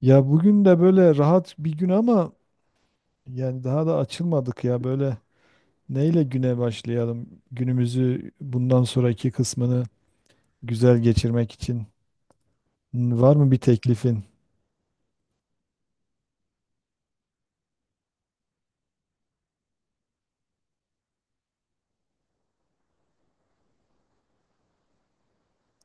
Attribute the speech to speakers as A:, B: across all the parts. A: Ya bugün de böyle rahat bir gün ama yani daha da açılmadık ya böyle neyle güne başlayalım? Günümüzü bundan sonraki kısmını güzel geçirmek için var mı bir teklifin?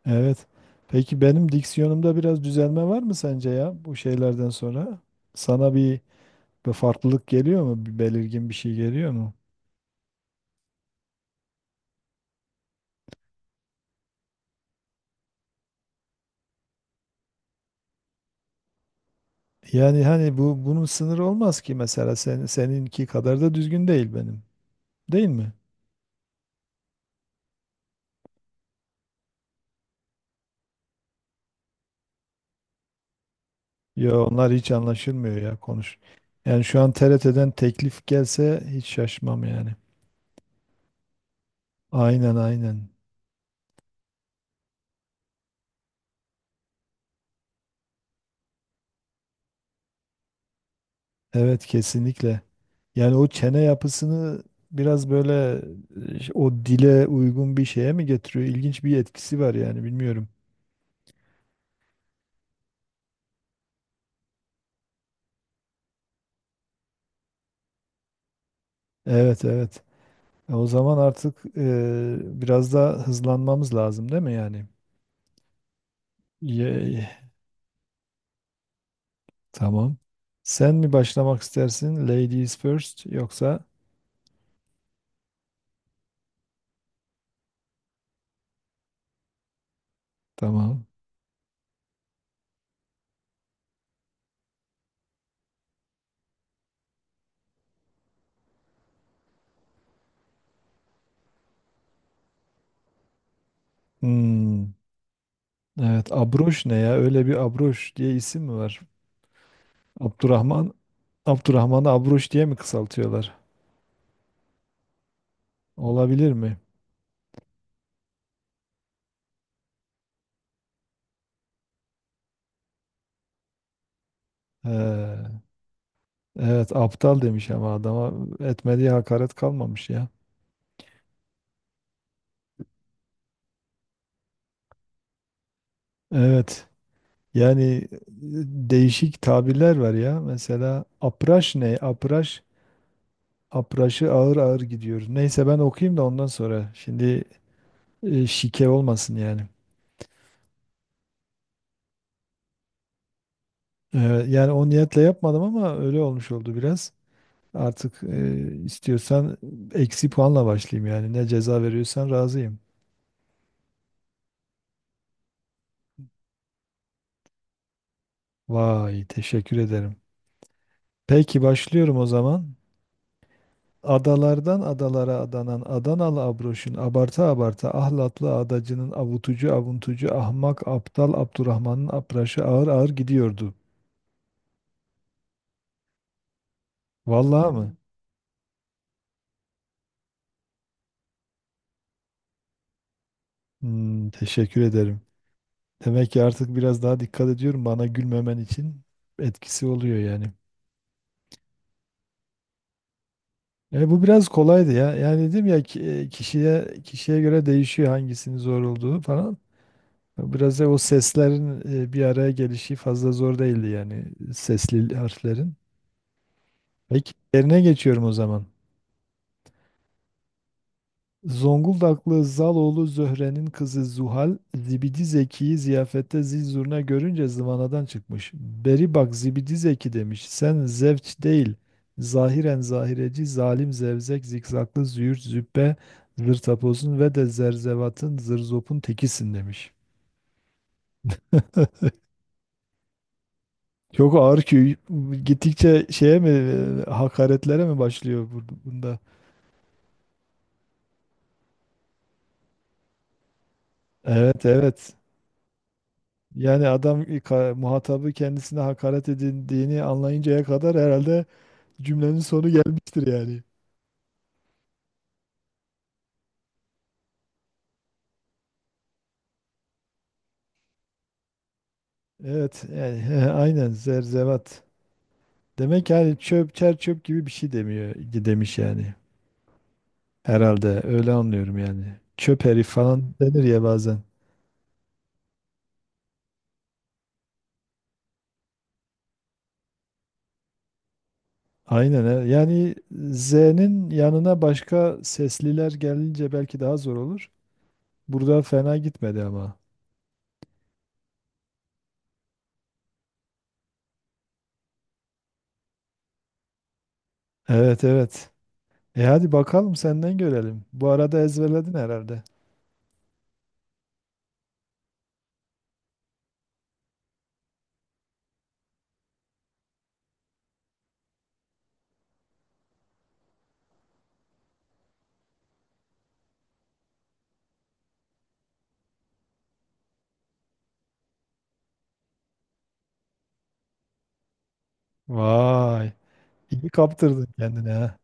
A: Evet. Peki benim diksiyonumda biraz düzelme var mı sence ya bu şeylerden sonra? Sana bir farklılık geliyor mu? Bir belirgin bir şey geliyor mu? Yani hani bunun sınırı olmaz ki mesela sen, seninki kadar da düzgün değil benim. Değil mi? Ya onlar hiç anlaşılmıyor ya konuş. Yani şu an TRT'den teklif gelse hiç şaşmam yani. Aynen aynen. Evet kesinlikle. Yani o çene yapısını biraz böyle o dile uygun bir şeye mi getiriyor? İlginç bir etkisi var yani bilmiyorum. Evet evet. O zaman artık biraz daha hızlanmamız lazım değil mi yani? Ye- Tamam. Sen mi başlamak istersin? Ladies first yoksa? Tamam. Hmm. Evet, Abroş ne ya? Öyle bir Abroş diye isim mi var? Abdurrahman, Abdurrahman'ı Abroş diye mi kısaltıyorlar? Olabilir mi? Ee, evet, aptal demiş ama adama etmediği hakaret kalmamış ya. Evet, yani e, değişik tabirler var ya. Mesela apraş ne? Apraş, apraşı ağır ağır gidiyor. Neyse ben okuyayım da ondan sonra. Şimdi şike olmasın yani. Ee, yani o niyetle yapmadım ama öyle olmuş oldu biraz. Artık istiyorsan eksi puanla başlayayım yani. Ne ceza veriyorsan razıyım. Vay, teşekkür ederim. Peki başlıyorum o zaman. Adalardan adalara adanan Adanalı Abroş'un abarta abarta ahlatlı adacının avutucu avuntucu ahmak aptal Abdurrahman'ın apraşı ağır ağır gidiyordu. Vallahi hmm mı? Hmm, teşekkür ederim. Demek ki artık biraz daha dikkat ediyorum bana gülmemen için etkisi oluyor yani. Bu biraz kolaydı ya. Yani dedim ya kişiye kişiye göre değişiyor hangisinin zor olduğu falan. Biraz da o seslerin bir araya gelişi fazla zor değildi yani sesli harflerin. Peki yerine geçiyorum o zaman. Zonguldaklı Zaloğlu Zöhre'nin kızı Zuhal, Zibidi Zeki'yi ziyafette zil zurna görünce zıvanadan çıkmış. Beri bak Zibidi Zeki demiş, sen zevç değil, zahiren zahireci, zalim zevzek, zikzaklı züğürt, züppe, zırtapozun ve de zerzevatın, zırzopun tekisin demiş. Çok ağır ki gittikçe şeye mi, hakaretlere mi başlıyor bunda? Evet, evet. Yani adam muhatabı kendisine hakaret edildiğini anlayıncaya kadar herhalde cümlenin sonu gelmiştir yani. Evet yani he, aynen zerzevat. Demek yani çöp çer çöp gibi bir şey demiyor demiş yani. Herhalde öyle anlıyorum yani. Çöp herif falan denir ya bazen. Aynen he. Yani Z'nin yanına başka sesliler gelince belki daha zor olur. Burada fena gitmedi ama. Evet evet. E hadi bakalım senden görelim. Bu arada ezberledin herhalde. Vay. İyi kaptırdın kendini ha.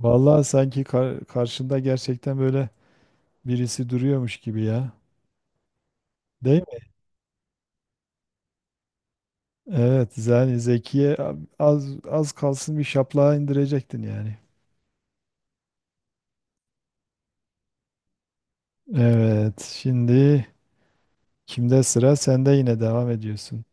A: Vallahi sanki karşında gerçekten böyle birisi duruyormuş gibi ya. Değil mi? Evet, yani Zekiye az kalsın bir şaplağa indirecektin yani. Evet, şimdi kimde sıra? Sen de yine devam ediyorsun.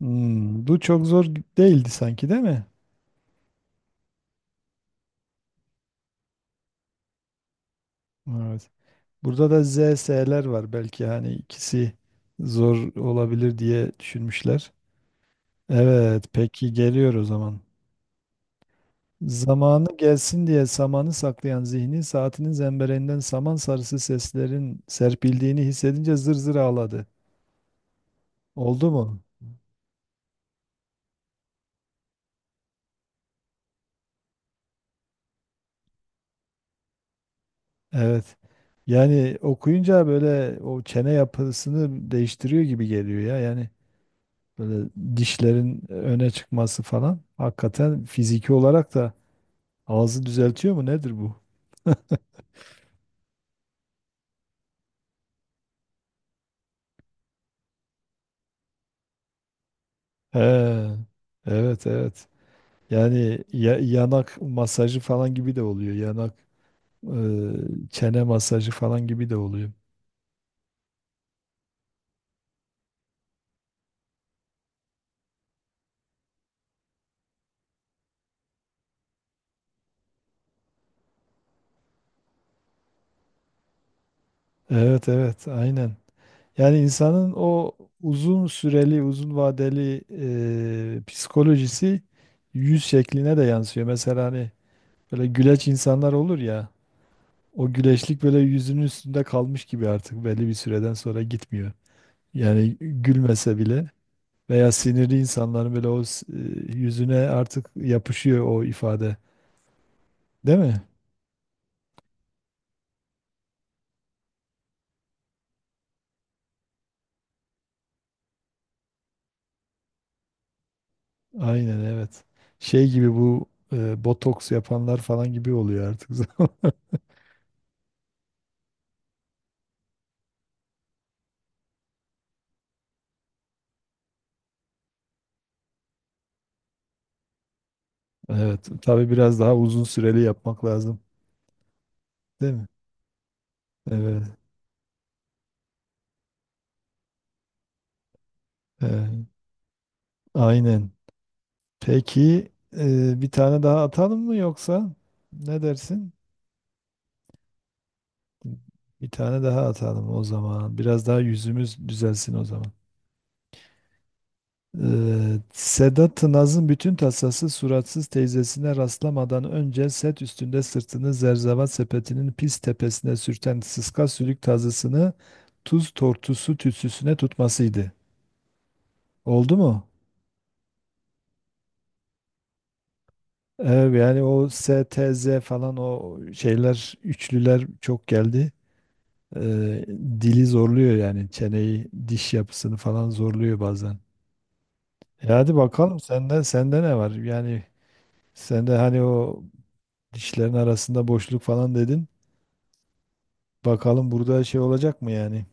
A: Hmm, bu çok zor değildi sanki değil mi? Evet. Burada da ZS'ler var belki hani ikisi zor olabilir diye düşünmüşler. Evet, peki geliyor o zaman. Zamanı gelsin diye samanı saklayan zihni saatinin zembereninden saman sarısı seslerin serpildiğini hissedince zır zır ağladı. Oldu mu? Evet. Yani okuyunca böyle o çene yapısını değiştiriyor gibi geliyor ya. Yani böyle dişlerin öne çıkması falan. Hakikaten fiziki olarak da ağzı düzeltiyor mu? Nedir bu? He, evet evet. Yani yanak masajı falan gibi de oluyor. Yanak çene masajı falan gibi de oluyor. Evet evet aynen. Yani insanın o uzun süreli, uzun vadeli psikolojisi yüz şekline de yansıyor. Mesela hani böyle güleç insanlar olur ya, o güleçlik böyle yüzünün üstünde kalmış gibi artık belli bir süreden sonra gitmiyor. Yani gülmese bile veya sinirli insanların böyle o yüzüne artık yapışıyor o ifade. Değil mi? Aynen evet. Şey gibi bu botoks yapanlar falan gibi oluyor artık. zaman. Evet. Tabii biraz daha uzun süreli yapmak lazım. Değil mi? Evet. Evet. Aynen. Peki bir tane daha atalım mı yoksa ne dersin? Bir tane daha atalım o zaman. Biraz daha yüzümüz düzelsin o zaman. Sedat Naz'ın bütün tasası suratsız teyzesine rastlamadan önce set üstünde sırtını zerzevat sepetinin pis tepesine sürten sıska sülük tazısını tuz tortusu tütsüsüne tutmasıydı. Oldu mu? Evet, yani o STZ falan o şeyler üçlüler çok geldi. Ee, dili zorluyor yani çeneyi diş yapısını falan zorluyor bazen. E hadi bakalım sende ne var? Yani sende hani o dişlerin arasında boşluk falan dedin. Bakalım burada şey olacak mı yani?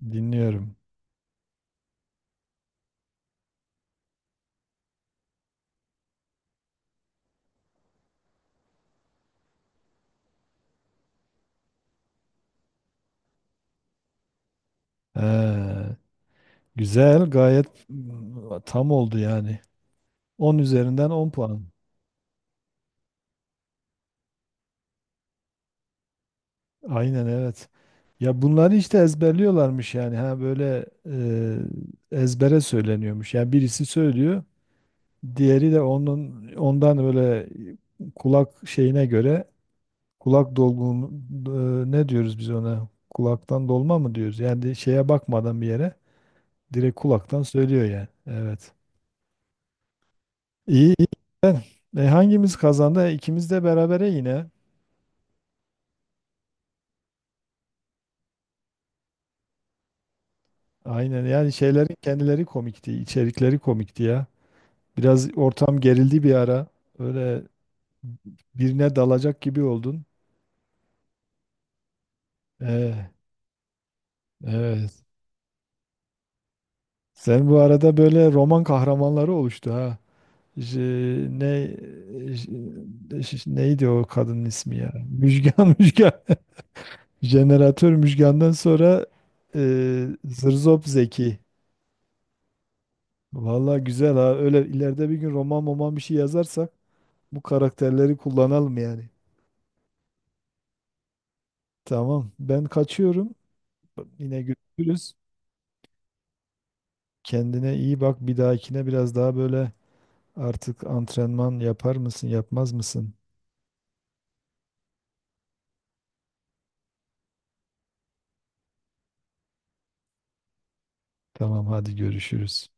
A: Dinliyorum. He, güzel, gayet tam oldu yani. 10 üzerinden 10 puan. Aynen evet. Ya bunları işte ezberliyorlarmış yani. Ha böyle ezbere söyleniyormuş. Yani birisi söylüyor, diğeri de ondan böyle kulak şeyine göre kulak dolgun ne diyoruz biz ona? Kulaktan dolma mı diyoruz? Yani şeye bakmadan bir yere direkt kulaktan söylüyor yani. Evet. İyi, iyi. Ben- Hangimiz kazandı? İkimiz de berabere yine. Aynen yani şeylerin kendileri komikti, içerikleri komikti ya. Biraz ortam gerildi bir ara. Öyle birine dalacak gibi oldun. E, evet. Sen bu arada böyle roman kahramanları oluştu ha. Ne neydi o kadının ismi ya? Müjgan Müjgan. Jeneratör Müjgan'dan sonra Zırzop Zeki. Vallahi güzel ha. Öyle ileride bir gün roman bir şey yazarsak bu karakterleri kullanalım yani. Tamam. Ben kaçıyorum. Yine görüşürüz. Kendine iyi bak. Bir dahakine biraz daha böyle artık antrenman yapar mısın, yapmaz mısın? Tamam, hadi görüşürüz.